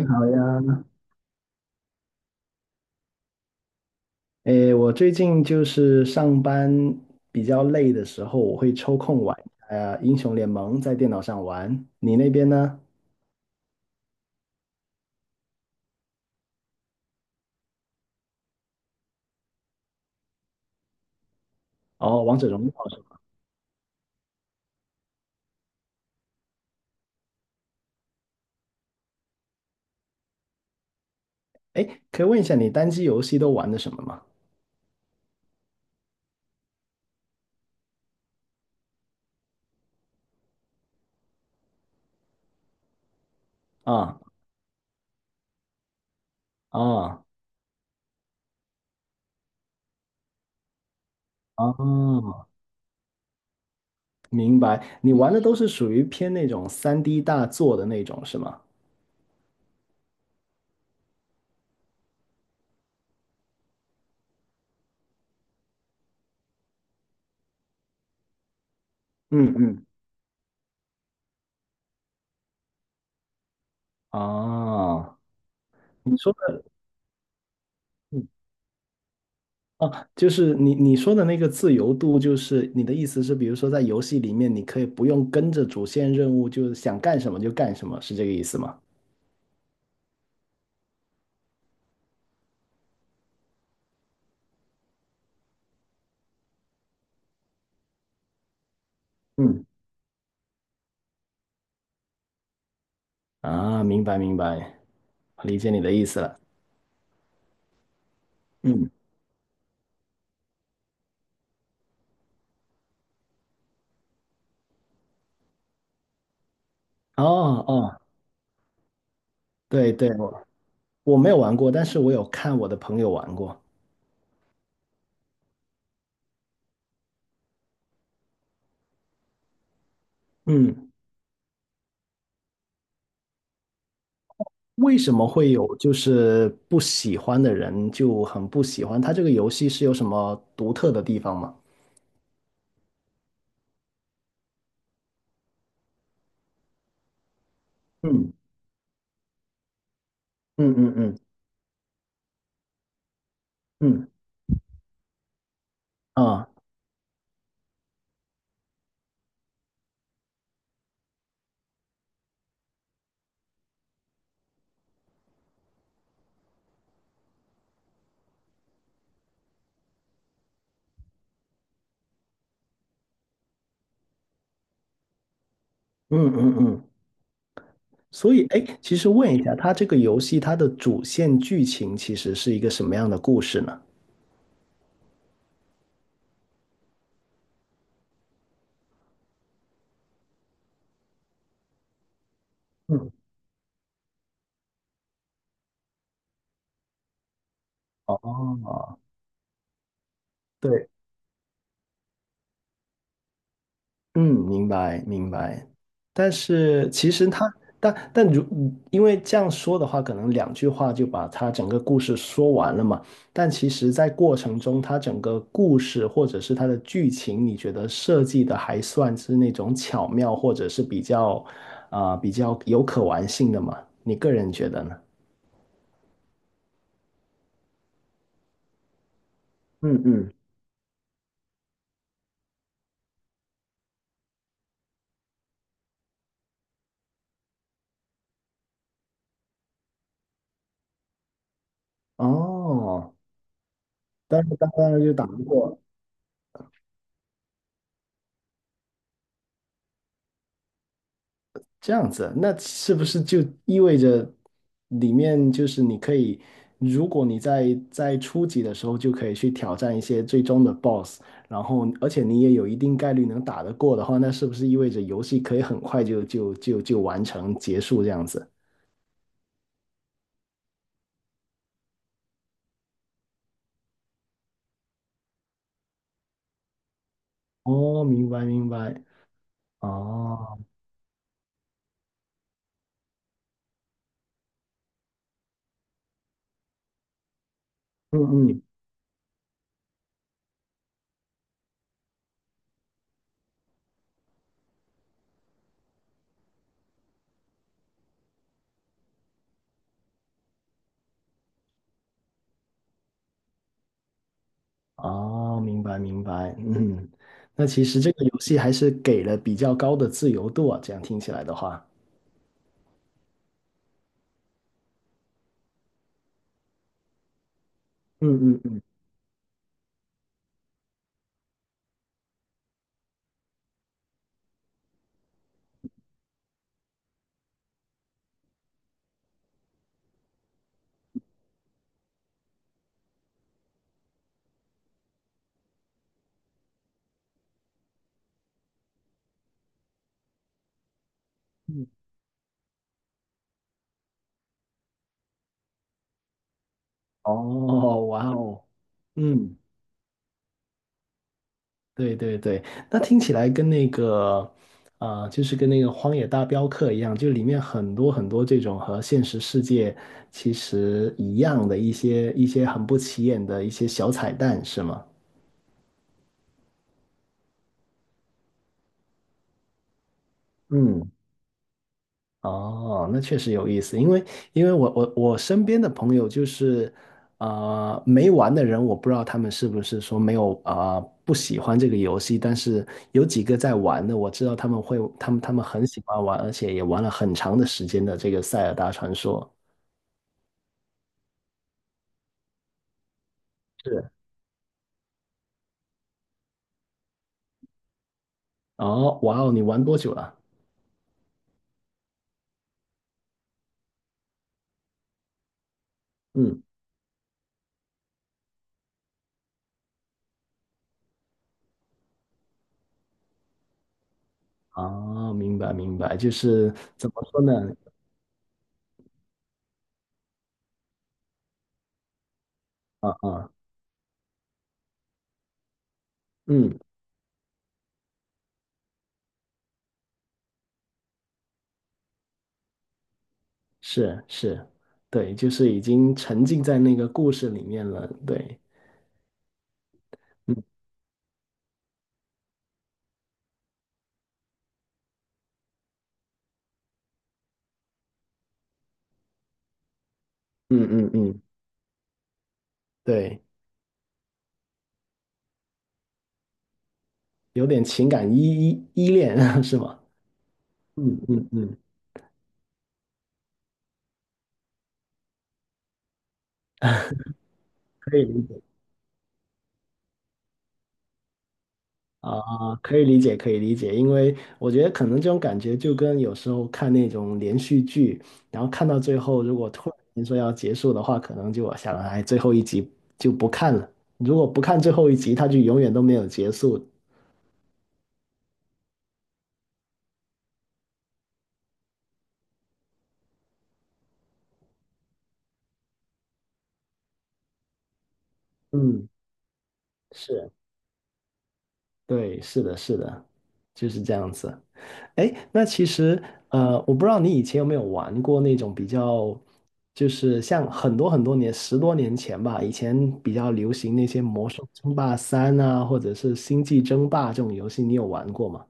你好呀。我最近就是上班比较累的时候，我会抽空玩英雄联盟，在电脑上玩。你那边呢？哦，王者荣耀是吧？诶，可以问一下你单机游戏都玩的什么吗？啊啊啊！明白。你玩的都是属于偏那种三 d 大作的那种是吗？嗯嗯。啊，你说的。嗯啊，就是你说的那个自由度，就是你的意思是，比如说在游戏里面，你可以不用跟着主线任务，就是想干什么就干什么，是这个意思吗？嗯啊，明白明白，理解你的意思了。嗯，哦哦，对对，我没有玩过，但是我有看我的朋友玩过。嗯，为什么会有就是不喜欢的人就很不喜欢？他这个游戏是有什么独特的地方吗？嗯嗯嗯嗯嗯啊，嗯嗯嗯，所以，哎，其实问一下，它这个游戏它的主线剧情其实是一个什么样的故事呢？嗯，哦，对，嗯，明白明白。但是其实它，但但如因为这样说的话，可能两句话就把它整个故事说完了嘛。但其实，在过程中，它整个故事或者是它的剧情，你觉得设计的还算是那种巧妙，或者是比较比较有可玩性的嘛？你个人觉得呢？嗯哦，但是当然就打不过，这样子，那是不是就意味着里面就是你可以，如果你在初级的时候就可以去挑战一些最终的 BOSS,然后而且你也有一定概率能打得过的话，那是不是意味着游戏可以很快就完成结束这样子？哦，明白明白，哦，嗯嗯哦，明白明白，嗯，那其实这个游戏还是给了比较高的自由度啊，这样听起来的话，嗯嗯嗯，嗯哦，哇哦，嗯，对对对，那听起来跟那个，就是跟那个《荒野大镖客》一样，就里面很多很多这种和现实世界其实一样的一些很不起眼的一些小彩蛋，是吗？嗯哦，那确实有意思，因为因为我身边的朋友就是，没玩的人，我不知道他们是不是说没有不喜欢这个游戏，但是有几个在玩的，我知道他们会，他们很喜欢玩，而且也玩了很长的时间的这个《塞尔达传说》。是。哦，哇哦，你玩多久了？嗯，哦，明白明白，就是怎么说呢？啊啊，嗯，是是，对，就是已经沉浸在那个故事里面了，对。嗯。嗯嗯嗯，对，有点情感依依恋 是吗？嗯嗯嗯，可以理解啊，可以理解，可以理解，因为我觉得可能这种感觉就跟有时候看那种连续剧，然后看到最后，如果突然间说要结束的话，可能就我想，哎，最后一集就不看了。如果不看最后一集，它就永远都没有结束。嗯，是。对，是的，是的，就是这样子。哎，那其实我不知道你以前有没有玩过那种比较，就是像很多很多年，十多年前吧，以前比较流行那些《魔兽争霸三》啊，或者是《星际争霸》这种游戏，你有玩过吗？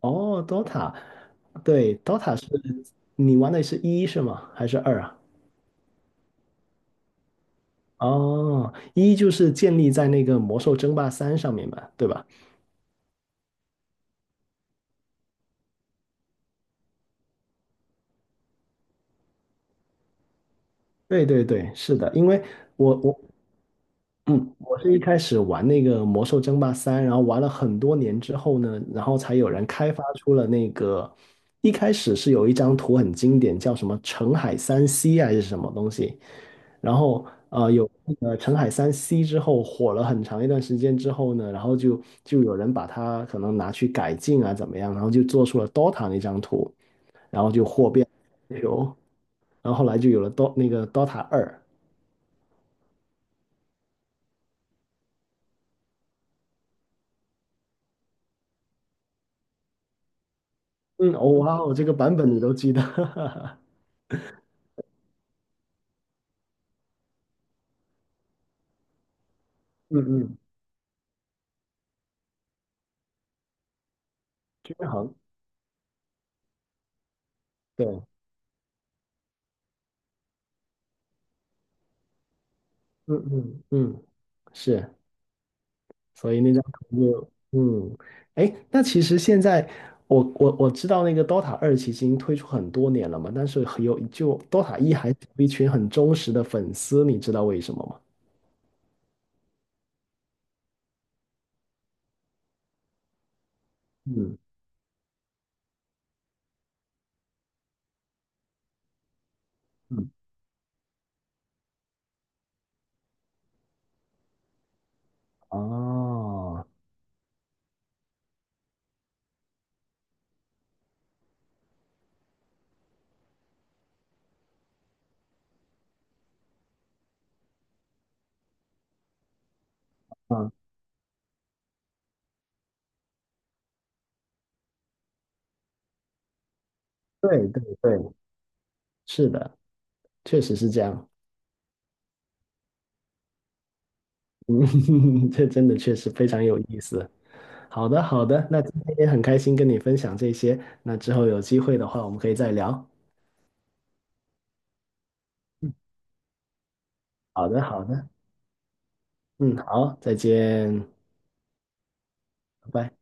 哦，DOTA,对，DOTA 是你玩的是一是吗？还是二啊？哦，一就是建立在那个《魔兽争霸三》上面嘛，对吧？对对对，是的，因为我我嗯，我是一开始玩那个《魔兽争霸三》，然后玩了很多年之后呢，然后才有人开发出了那个，一开始是有一张图很经典，叫什么"澄海三 C" 还是什么东西，然后有那个澄海三 C 之后火了很长一段时间之后呢，然后就有人把它可能拿去改进啊怎么样，然后就做出了 DOTA 那张图，然后就火遍全球，然后后来就有了 那个 DOTA 二，嗯，哦哇哦，这个版本你都记得。嗯嗯，均衡，对，嗯嗯嗯，是，所以那张图就，嗯，哎，那其实现在我知道那个 DOTA 二其实已经推出很多年了嘛，但是很有就 DOTA 一还是有一群很忠实的粉丝，你知道为什么吗？嗯嗯，哦，啊，对对对，是的，确实是这样，嗯，这真的确实非常有意思。好的好的，那今天也很开心跟你分享这些，那之后有机会的话我们可以再聊。嗯，好的，好的，嗯，好，再见，拜拜。